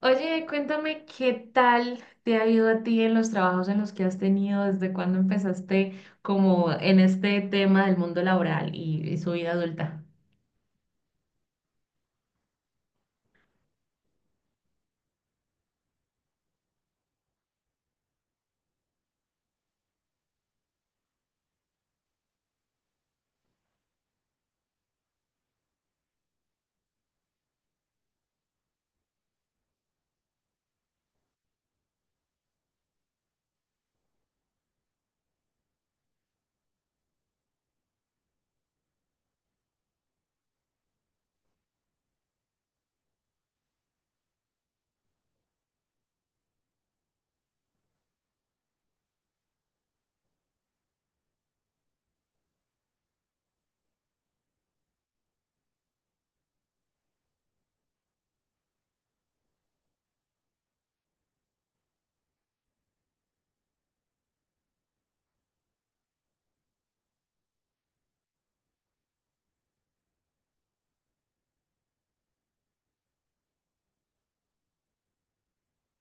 Oye, cuéntame qué tal te ha ido a ti en los trabajos en los que has tenido, desde cuándo empezaste como en este tema del mundo laboral y su vida adulta.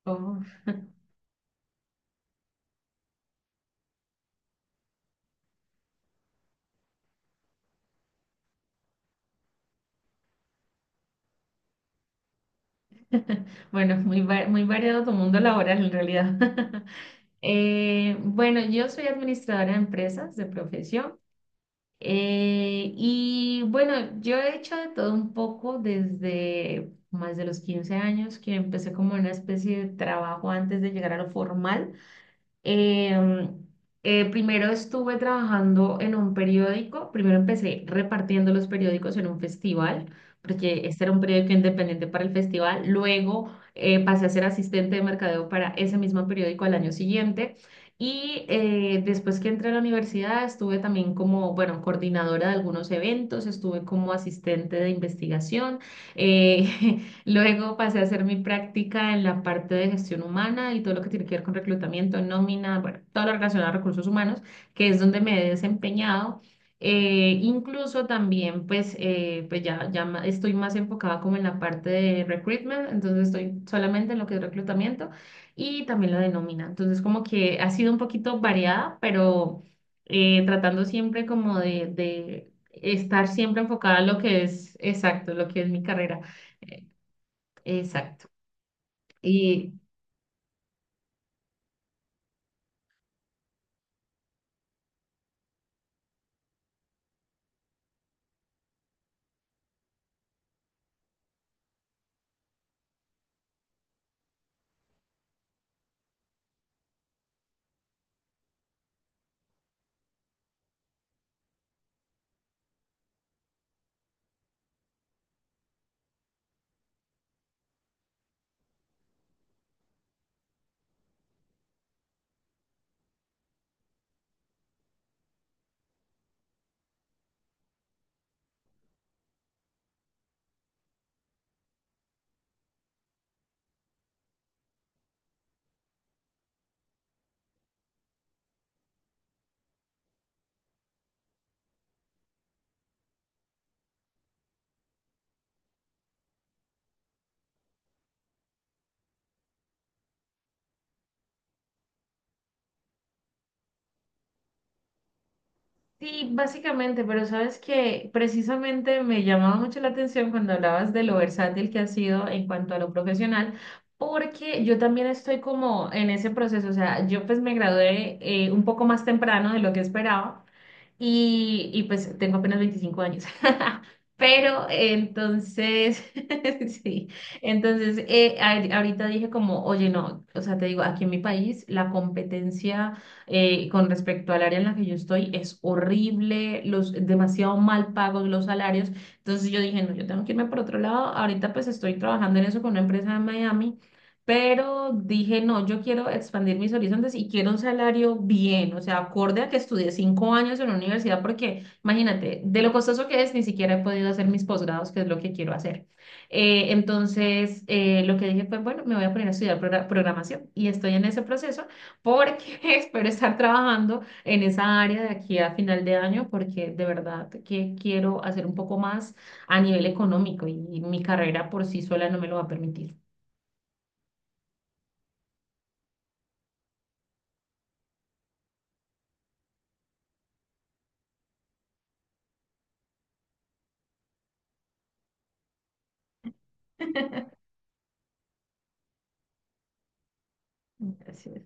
Oh. Bueno, muy variado tu mundo laboral en realidad. Bueno, yo soy administradora de empresas de profesión. Y bueno, yo he hecho de todo un poco desde más de los 15 años que empecé como una especie de trabajo antes de llegar a lo formal. Eh, Primero estuve trabajando en un periódico, primero empecé repartiendo los periódicos en un festival, porque este era un periódico independiente para el festival, luego pasé a ser asistente de mercadeo para ese mismo periódico al año siguiente y después que entré a la universidad estuve también como, bueno, coordinadora de algunos eventos, estuve como asistente de investigación. eh, Luego pasé a hacer mi práctica en la parte de gestión humana y todo lo que tiene que ver con reclutamiento, nómina, bueno, todo lo relacionado a recursos humanos, que es donde me he desempeñado. Incluso también, pues, ya estoy más enfocada como en la parte de recruitment, entonces estoy solamente en lo que es reclutamiento y también la de nómina. Entonces, como que ha sido un poquito variada, pero tratando siempre como de estar siempre enfocada a lo que es exacto, lo que es mi carrera. Exacto. Y sí, básicamente, pero sabes que precisamente me llamaba mucho la atención cuando hablabas de lo versátil que has sido en cuanto a lo profesional, porque yo también estoy como en ese proceso, o sea, yo pues me gradué un poco más temprano de lo que esperaba. Y pues tengo apenas 25 años. Pero entonces, sí, entonces ahorita dije como, oye, no, o sea, te digo, aquí en mi país la competencia con respecto al área en la que yo estoy es horrible, los demasiado mal pagos los salarios. Entonces yo dije, no, yo tengo que irme por otro lado. Ahorita pues estoy trabajando en eso con una empresa de Miami, pero dije, no, yo quiero expandir mis horizontes y quiero un salario bien, o sea, acorde a que estudié 5 años en la universidad, porque imagínate, de lo costoso que es, ni siquiera he podido hacer mis posgrados, que es lo que quiero hacer. Entonces, lo que dije fue, bueno, me voy a poner a estudiar programación y estoy en ese proceso porque espero estar trabajando en esa área de aquí a final de año, porque de verdad que quiero hacer un poco más a nivel económico, y mi carrera por sí sola no me lo va a permitir. Gracias.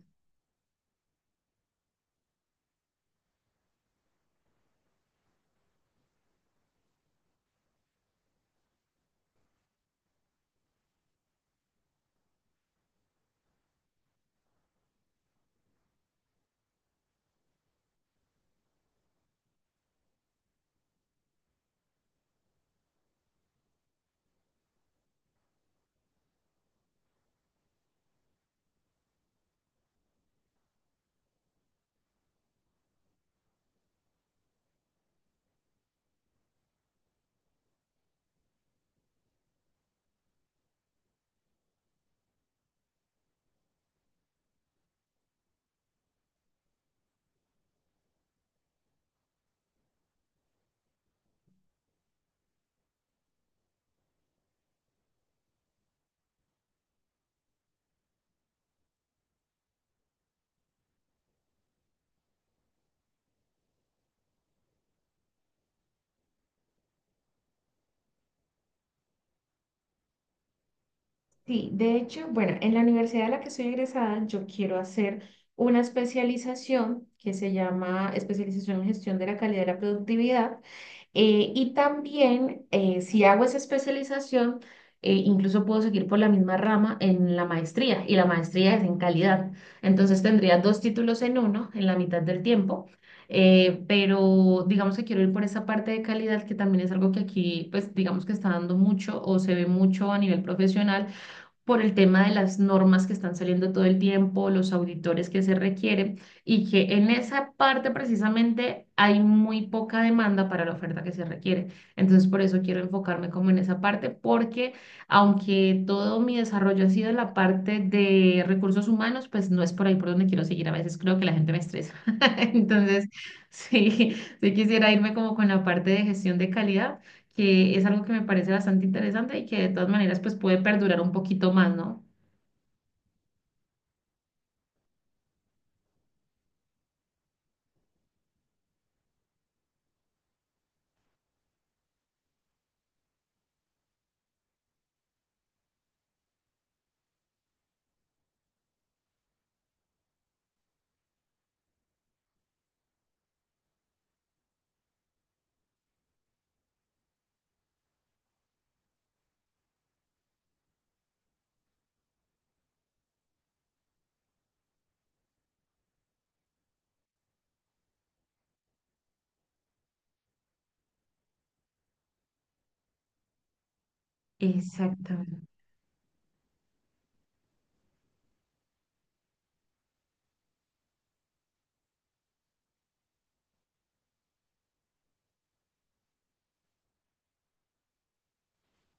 Sí, de hecho, bueno, en la universidad a la que soy egresada, yo quiero hacer una especialización que se llama especialización en gestión de la calidad y la productividad. Y también, si hago esa especialización, incluso puedo seguir por la misma rama en la maestría, y la maestría es en calidad. Entonces tendría dos títulos en uno, en la mitad del tiempo. Pero digamos que quiero ir por esa parte de calidad, que también es algo que aquí, pues digamos que está dando mucho o se ve mucho a nivel profesional por el tema de las normas que están saliendo todo el tiempo, los auditores que se requieren, y que en esa parte precisamente hay muy poca demanda para la oferta que se requiere. Entonces, por eso quiero enfocarme como en esa parte, porque aunque todo mi desarrollo ha sido en la parte de recursos humanos, pues no es por ahí por donde quiero seguir. A veces creo que la gente me estresa. Entonces, sí, sí quisiera irme como con la parte de gestión de calidad, que es algo que me parece bastante interesante y que de todas maneras pues puede perdurar un poquito más, ¿no? Exactamente,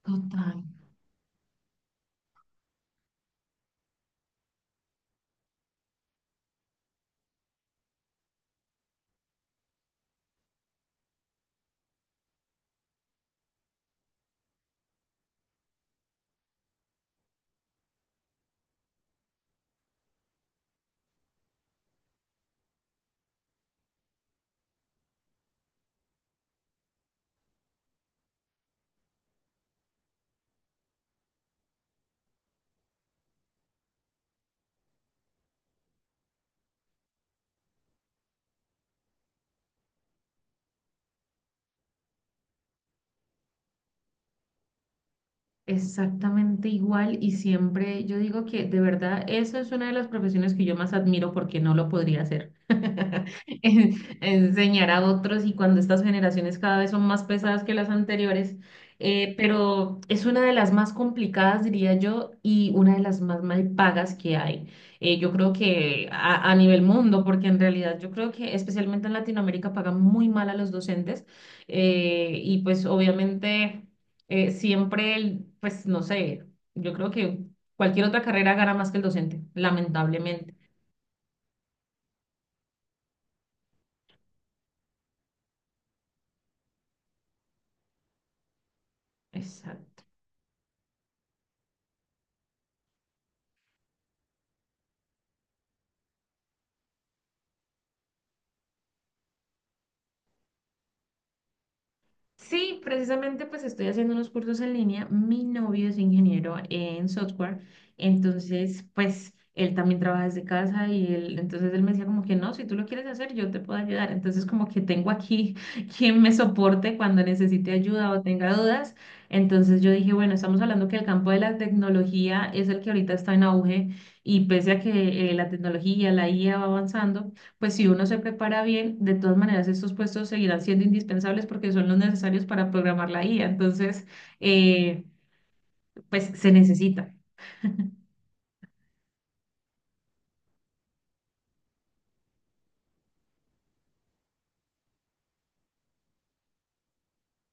total. Exactamente igual, y siempre yo digo que de verdad eso es una de las profesiones que yo más admiro porque no lo podría hacer. En- Enseñar a otros, y cuando estas generaciones cada vez son más pesadas que las anteriores, pero es una de las más complicadas, diría yo, y una de las más mal pagas que hay. Yo creo que a, nivel mundo, porque en realidad yo creo que especialmente en Latinoamérica pagan muy mal a los docentes, y pues obviamente siempre, pues no sé, yo creo que cualquier otra carrera gana más que el docente, lamentablemente. Exacto. Sí, precisamente pues estoy haciendo unos cursos en línea. Mi novio es ingeniero en software, entonces pues él también trabaja desde casa, y él, entonces él me decía como que no, si tú lo quieres hacer, yo te puedo ayudar. Entonces como que tengo aquí quien me soporte cuando necesite ayuda o tenga dudas. Entonces yo dije, bueno, estamos hablando que el campo de la tecnología es el que ahorita está en auge, y pese a que la tecnología, la IA va avanzando, pues si uno se prepara bien, de todas maneras estos puestos seguirán siendo indispensables porque son los necesarios para programar la IA. Entonces, eh, pues se necesita.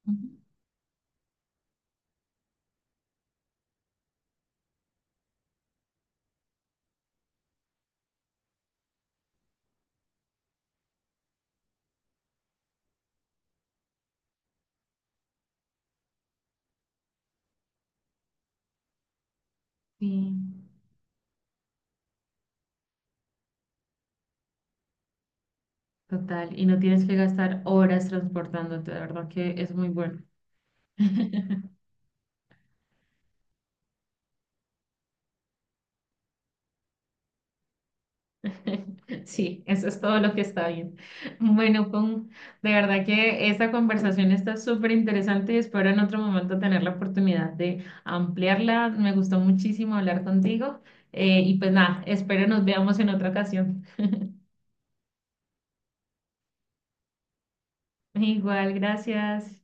Ujú. Sí, total. Y no tienes que gastar horas transportándote, de verdad que es muy bueno. Sí, eso es todo lo que está bien. Bueno, Pum, de verdad que esta conversación está súper interesante, y espero en otro momento tener la oportunidad de ampliarla. Me gustó muchísimo hablar contigo, y pues nada, espero nos veamos en otra ocasión. Igual, gracias.